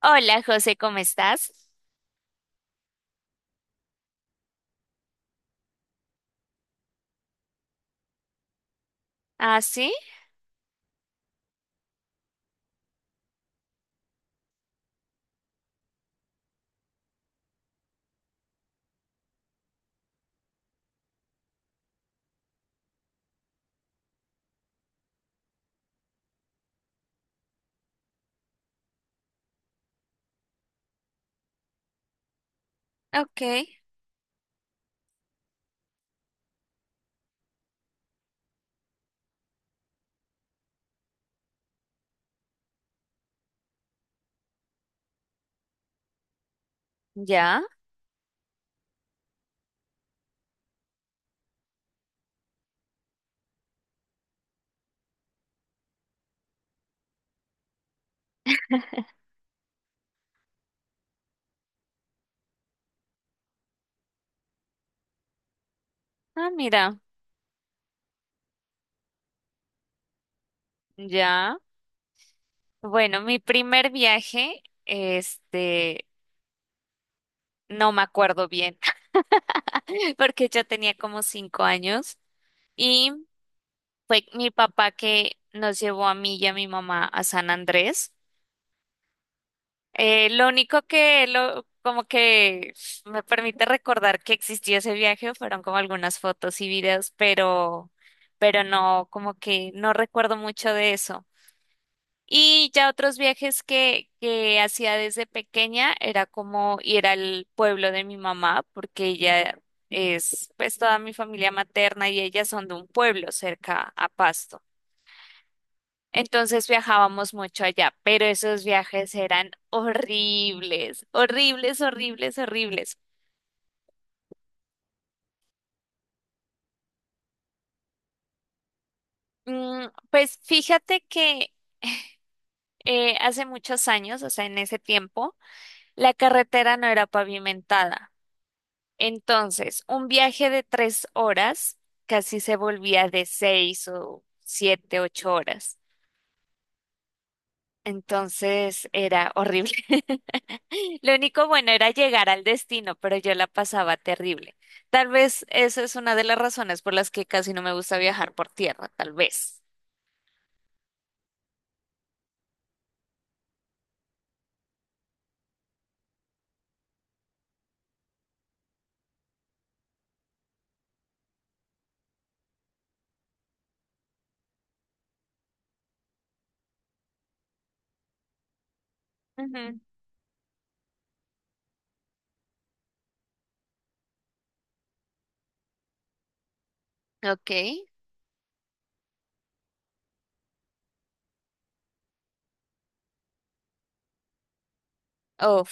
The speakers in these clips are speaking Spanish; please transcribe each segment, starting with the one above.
Hola, José, ¿cómo estás? Ah, sí, ok, ya. Ah, mira, ya. Bueno, mi primer viaje, este, no me acuerdo bien, porque yo tenía como 5 años y fue mi papá que nos llevó a mí y a mi mamá a San Andrés. Lo único que como que me permite recordar que existió ese viaje fueron como algunas fotos y videos, pero no, como que no recuerdo mucho de eso. Y ya otros viajes que hacía desde pequeña era como ir al pueblo de mi mamá, porque ella es, pues toda mi familia materna y ellas son de un pueblo cerca a Pasto. Entonces viajábamos mucho allá, pero esos viajes eran horribles, horribles, horribles, horribles. Mm, pues fíjate que hace muchos años, o sea, en ese tiempo, la carretera no era pavimentada. Entonces, un viaje de 3 horas casi se volvía de 6 o 7, 8 horas. Entonces era horrible. Lo único bueno era llegar al destino, pero yo la pasaba terrible. Tal vez esa es una de las razones por las que casi no me gusta viajar por tierra, tal vez. Ujú. Ok, oh,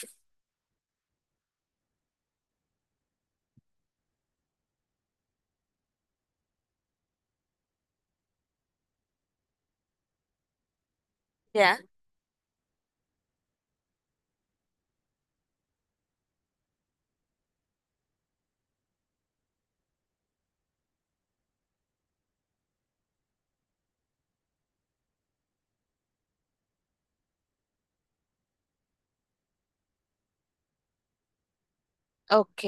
ya, ok.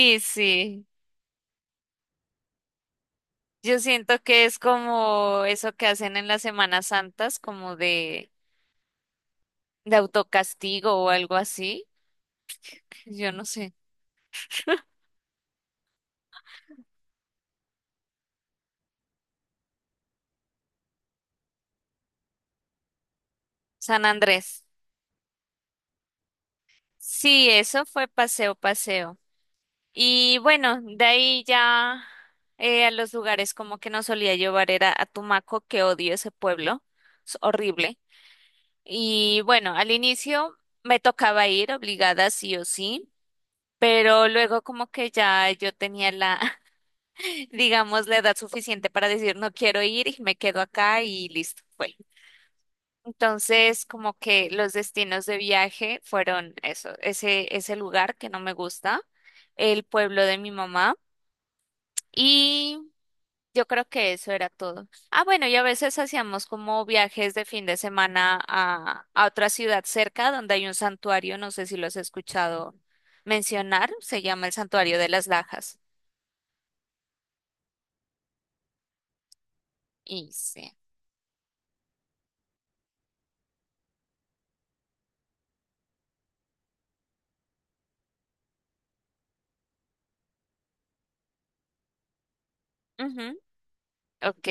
Y sí, yo siento que es como eso que hacen en las Semanas Santas, como de autocastigo o algo así. Yo no sé. San Andrés. Sí, eso fue paseo, paseo. Y bueno, de ahí ya a los lugares como que nos solía llevar era a Tumaco, que odio ese pueblo. Es horrible. Y bueno, al inicio me tocaba ir obligada sí o sí. Pero luego como que ya yo tenía digamos, la edad suficiente para decir no quiero ir y me quedo acá y listo, fue. Entonces, como que los destinos de viaje fueron eso, ese lugar que no me gusta, el pueblo de mi mamá y yo creo que eso era todo. Ah, bueno, y a veces hacíamos como viajes de fin de semana a otra ciudad cerca donde hay un santuario, no sé si lo has escuchado mencionar, se llama el Santuario de las Lajas. Y sí. Ujú, ok.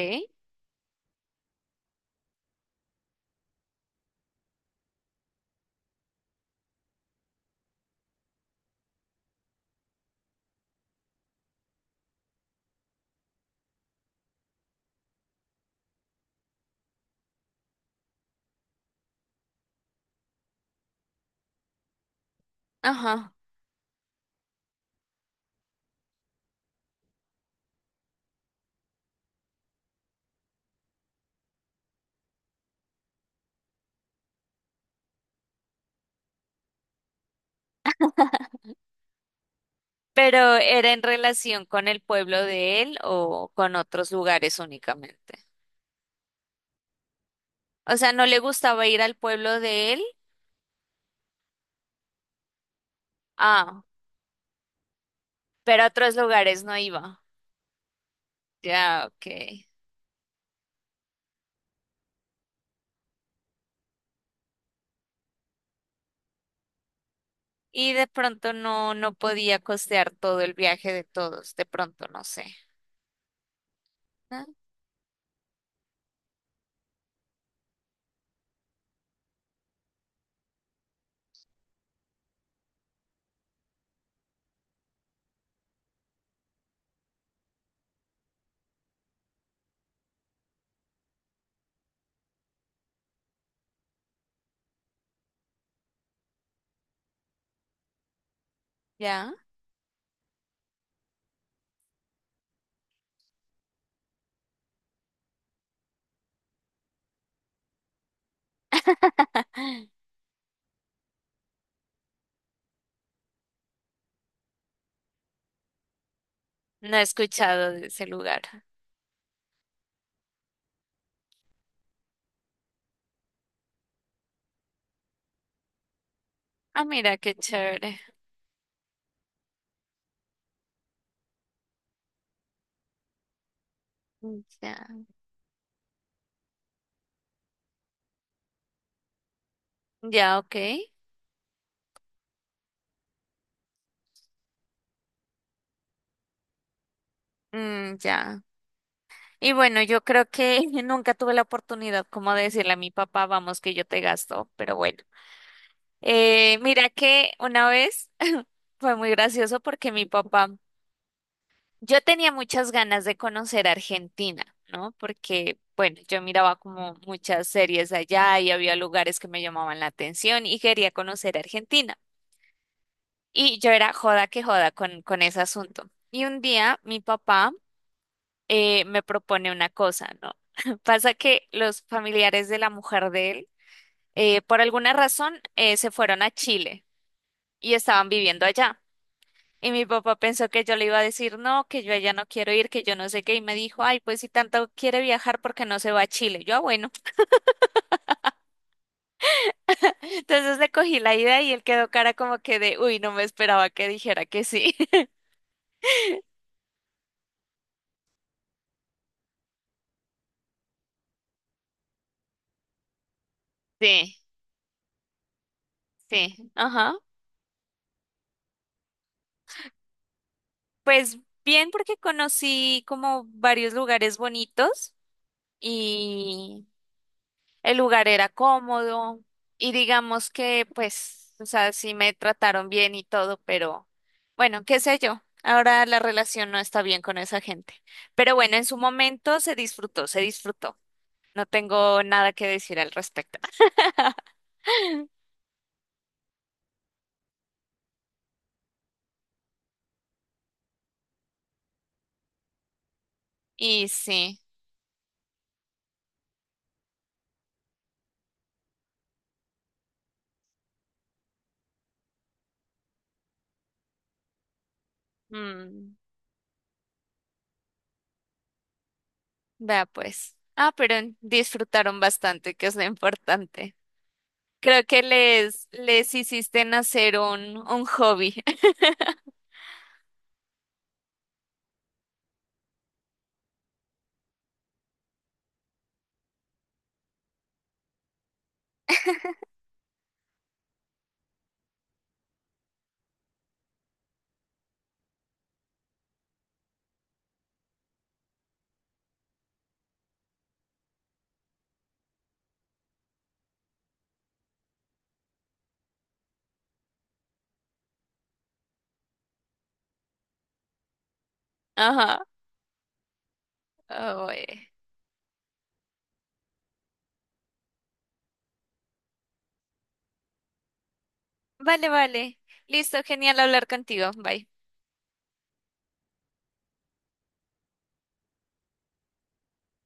Ajá. ¿Pero era en relación con el pueblo de él o con otros lugares únicamente? O sea, ¿no le gustaba ir al pueblo de él? Ah, pero a otros lugares no iba. Ya, ok. Y de pronto no, no podía costear todo el viaje de todos. De pronto, no sé. Ah, ya. No he escuchado de ese lugar. Ah, mira, qué chévere. Mm, ya, ya, ok. Mm, ya. Y bueno, yo creo que nunca tuve la oportunidad como de decirle a mi papá, vamos, que yo te gasto, pero bueno. Mira que una vez fue muy gracioso porque mi papá, yo tenía muchas ganas de conocer Argentina, ¿no? Porque, bueno, yo miraba como muchas series allá y había lugares que me llamaban la atención y quería conocer Argentina. Y yo era joda que joda con ese asunto. Y un día mi papá me propone una cosa, ¿no? Pasa que los familiares de la mujer de él, por alguna razón, se fueron a Chile y estaban viviendo allá. Y mi papá pensó que yo le iba a decir no, que yo allá no quiero ir, que yo no sé qué. Y me dijo, ay, pues si tanto quiere viajar, ¿por qué no se va a Chile? Yo, ah, bueno. Entonces le cogí la idea y él quedó cara como que de, uy, no me esperaba que dijera que sí. Sí, sí, ajá. Pues bien, porque conocí como varios lugares bonitos. Y, el lugar era cómodo y digamos que, pues, o sea, sí me trataron bien y todo, pero bueno, qué sé yo. Ahora la relación no está bien con esa gente. Pero bueno, en su momento se disfrutó, se disfrutó. No tengo nada que decir al respecto. Y sí, mm, vea pues. Ah, pero disfrutaron bastante, que es lo importante. Creo que les hiciste nacer un hobby. Ajá. Oh, eh. Vale, vale. Listo, genial hablar contigo. Bye.